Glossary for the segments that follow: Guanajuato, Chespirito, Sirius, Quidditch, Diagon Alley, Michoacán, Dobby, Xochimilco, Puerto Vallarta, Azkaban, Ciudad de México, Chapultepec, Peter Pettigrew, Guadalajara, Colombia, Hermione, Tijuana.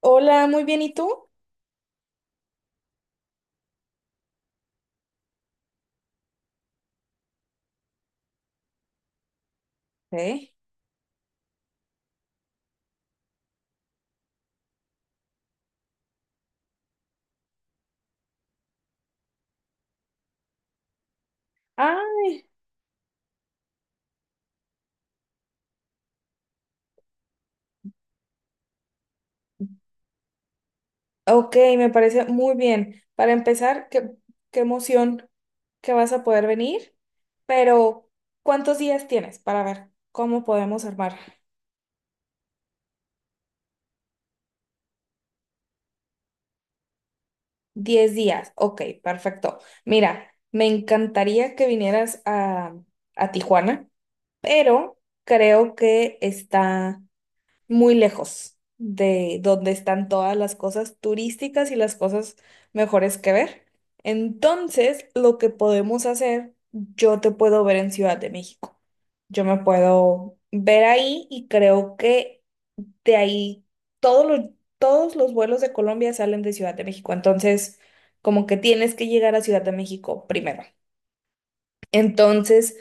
Hola, muy bien, ¿y tú? ¿Sí? Ah, ok, me parece muy bien. Para empezar, qué emoción que vas a poder venir, pero ¿cuántos días tienes para ver cómo podemos armar? 10 días, ok, perfecto. Mira, me encantaría que vinieras a Tijuana, pero creo que está muy lejos de donde están todas las cosas turísticas y las cosas mejores que ver. Entonces, lo que podemos hacer, yo te puedo ver en Ciudad de México. Yo me puedo ver ahí y creo que de ahí todos los, todos los vuelos de Colombia salen de Ciudad de México. Entonces, como que tienes que llegar a Ciudad de México primero. Entonces,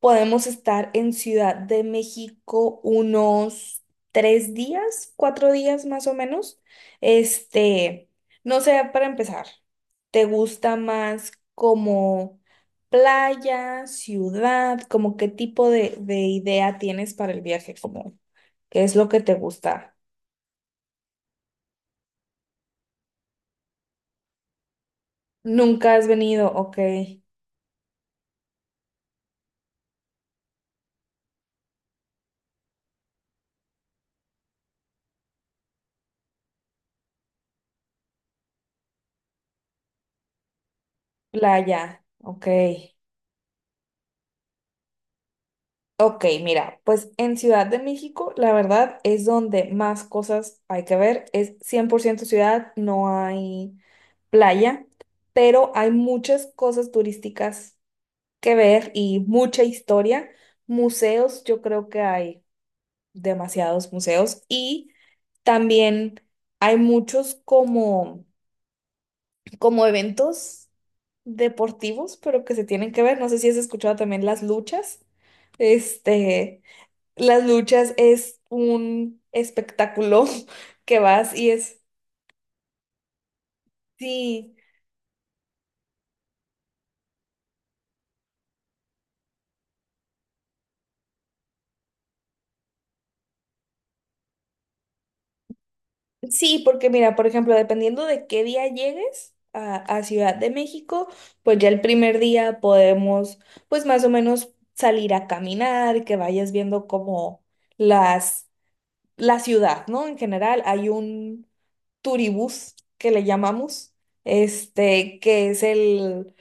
podemos estar en Ciudad de México unos 3 días, 4 días más o menos. Este, no sé, para empezar, ¿te gusta más como playa, ciudad? Como qué tipo de idea tienes para el viaje? Como, ¿qué es lo que te gusta? Nunca has venido, ok, playa, ok. Ok, mira, pues en Ciudad de México, la verdad es donde más cosas hay que ver. Es 100% ciudad, no hay playa, pero hay muchas cosas turísticas que ver y mucha historia. Museos, yo creo que hay demasiados museos y también hay muchos como eventos deportivos, pero que se tienen que ver. No sé si has escuchado también las luchas. Este. Las luchas es un espectáculo que vas y es, sí, sí, porque mira, por ejemplo, dependiendo de qué día llegues a Ciudad de México, pues ya el primer día podemos, pues más o menos salir a caminar, que vayas viendo como las, la ciudad, ¿no? En general, hay un turibús que le llamamos, que es el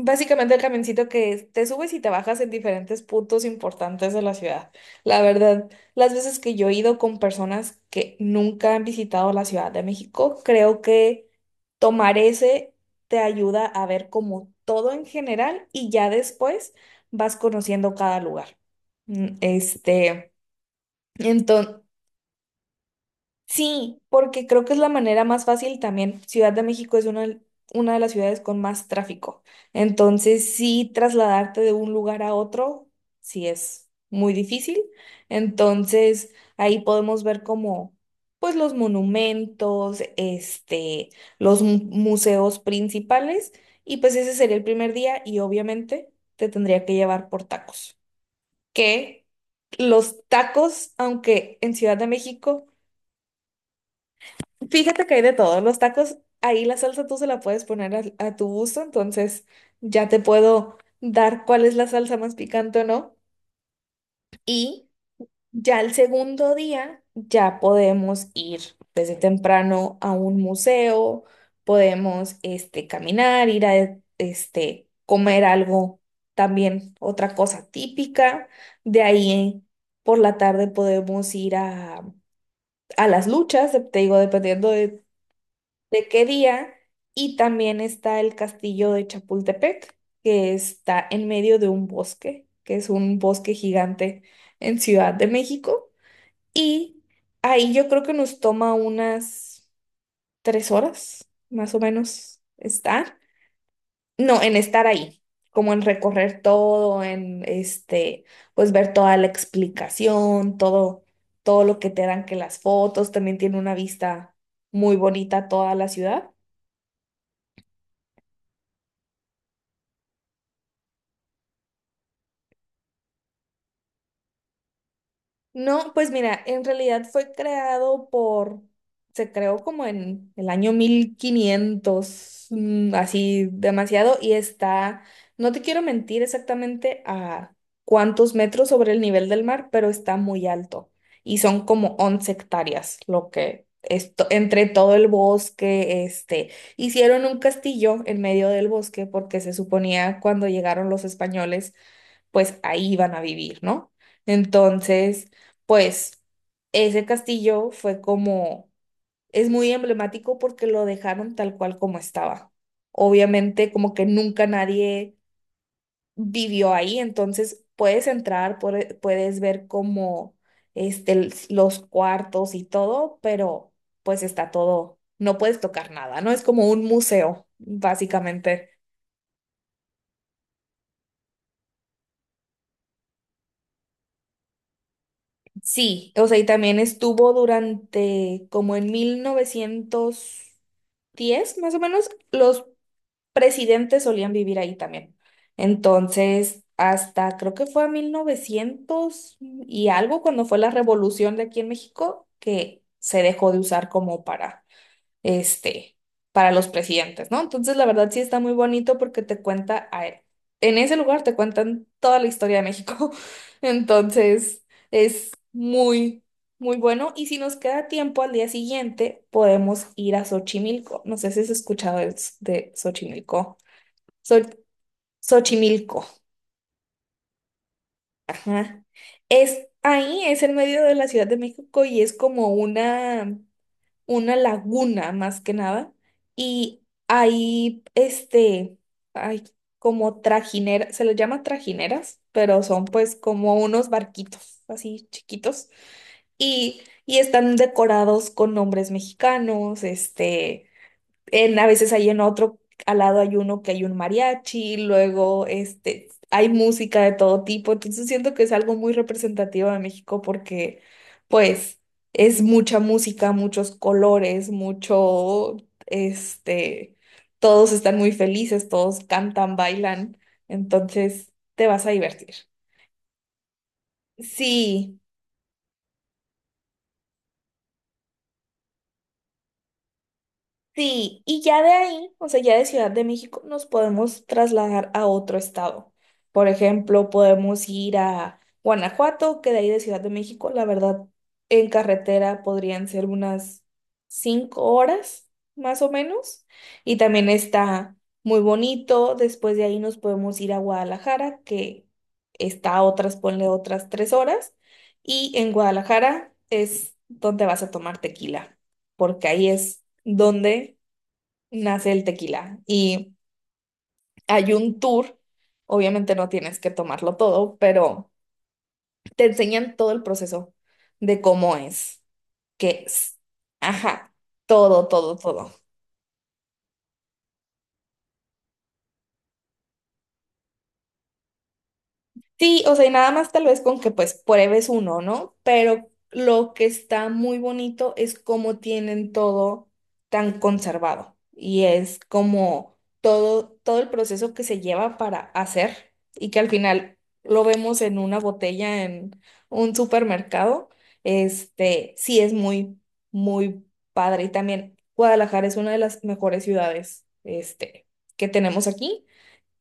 básicamente el camioncito que te subes y te bajas en diferentes puntos importantes de la ciudad. La verdad, las veces que yo he ido con personas que nunca han visitado la Ciudad de México, creo que tomar ese te ayuda a ver como todo en general y ya después vas conociendo cada lugar. Mm, Este, entonces. Sí, porque creo que es la manera más fácil también. Ciudad de México es una de las ciudades con más tráfico. Entonces, sí, trasladarte de un lugar a otro, sí es muy difícil. Entonces, ahí podemos ver como, pues, los monumentos, los museos principales. Y pues ese sería el primer día y obviamente te tendría que llevar por tacos. Que los tacos, aunque en Ciudad de México fíjate que hay de todo. Los tacos, ahí la salsa tú se la puedes poner a, tu gusto, entonces ya te puedo dar cuál es la salsa más picante o no. Y ya el segundo día ya podemos ir desde temprano a un museo, podemos caminar, ir a comer algo también, otra cosa típica. De ahí por la tarde podemos ir a las luchas, te digo, dependiendo de qué día, y también está el castillo de Chapultepec, que está en medio de un bosque, que es un bosque gigante en Ciudad de México, y ahí yo creo que nos toma unas 3 horas, más o menos, estar, no, en estar ahí, como en recorrer todo, pues ver toda la explicación, todo, todo lo que te dan que las fotos, también tiene una vista muy bonita toda la ciudad. No, pues mira, en realidad fue creado por, se creó como en el año 1500, así demasiado, y está, no te quiero mentir exactamente a cuántos metros sobre el nivel del mar, pero está muy alto. Y son como 11 hectáreas, lo que esto, entre todo el bosque, hicieron un castillo en medio del bosque porque se suponía cuando llegaron los españoles, pues ahí iban a vivir, ¿no? Entonces pues ese castillo fue como, es muy emblemático porque lo dejaron tal cual como estaba. Obviamente como que nunca nadie vivió ahí, entonces puedes entrar, puedes ver como los cuartos y todo, pero pues está todo, no puedes tocar nada, ¿no? Es como un museo, básicamente. Sí, o sea, y también estuvo durante como en 1910 más o menos, los presidentes solían vivir ahí también. Entonces, hasta creo que fue a 1900 y algo, cuando fue la revolución de aquí en México, que se dejó de usar como para, este, para los presidentes, ¿no? Entonces, la verdad sí está muy bonito porque te cuenta, en ese lugar te cuentan toda la historia de México. Entonces, es muy, muy bueno. Y si nos queda tiempo al día siguiente, podemos ir a Xochimilco. No sé si has escuchado de Xochimilco. So- Xochimilco, ajá. Es ahí, es en medio de la Ciudad de México y es como una laguna más que nada. Y ahí, hay como trajineras, se les llama trajineras, pero son pues como unos barquitos así chiquitos. Y están decorados con nombres mexicanos, A veces hay en otro, al lado hay uno que hay un mariachi, luego hay música de todo tipo, entonces siento que es algo muy representativo de México porque pues es mucha música, muchos colores, mucho, este, todos están muy felices, todos cantan, bailan, entonces te vas a divertir. Sí. Sí, y ya de ahí, o sea, ya de Ciudad de México nos podemos trasladar a otro estado. Por ejemplo, podemos ir a Guanajuato, que de ahí de Ciudad de México, la verdad, en carretera podrían ser unas 5 horas, más o menos. Y también está muy bonito. Después de ahí nos podemos ir a Guadalajara, que está a otras, ponle otras 3 horas. Y en Guadalajara es donde vas a tomar tequila, porque ahí es donde nace el tequila. Y hay un tour, obviamente no tienes que tomarlo todo, pero te enseñan todo el proceso de cómo es, qué es. Ajá, todo, todo, todo. Sí, o sea, y nada más tal vez con que pues pruebes uno, ¿no? Pero lo que está muy bonito es cómo tienen todo tan conservado y es como todo, todo el proceso que se lleva para hacer y que al final lo vemos en una botella en un supermercado, sí es muy, muy padre. Y también Guadalajara es una de las mejores ciudades, que tenemos aquí.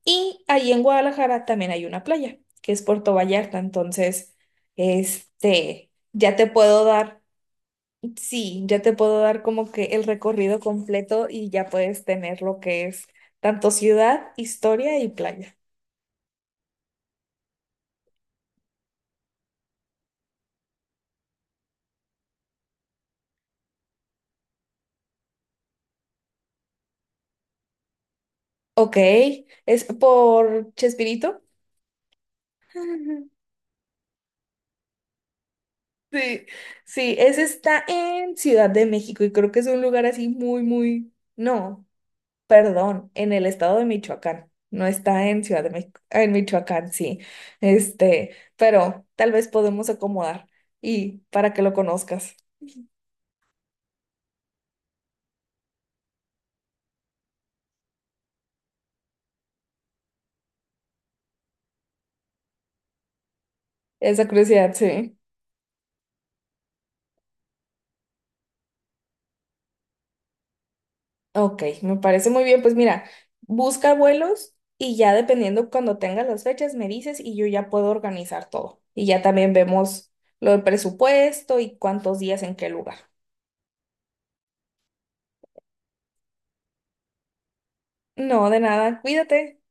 Y ahí en Guadalajara también hay una playa, que es Puerto Vallarta. Entonces, ya te puedo dar, sí, ya te puedo dar como que el recorrido completo y ya puedes tener lo que es tanto ciudad, historia y playa. Ok, es por Chespirito. Sí, sí, ese está en Ciudad de México y creo que es un lugar así muy, muy, no. Perdón, en el estado de Michoacán. No está en Ciudad de México, en Michoacán, sí. Pero tal vez podemos acomodar y para que lo conozcas. Esa curiosidad, sí. Ok, me parece muy bien. Pues mira, busca vuelos y ya dependiendo cuando tengas las fechas me dices y yo ya puedo organizar todo. Y ya también vemos lo del presupuesto y cuántos días en qué lugar. No, de nada, cuídate.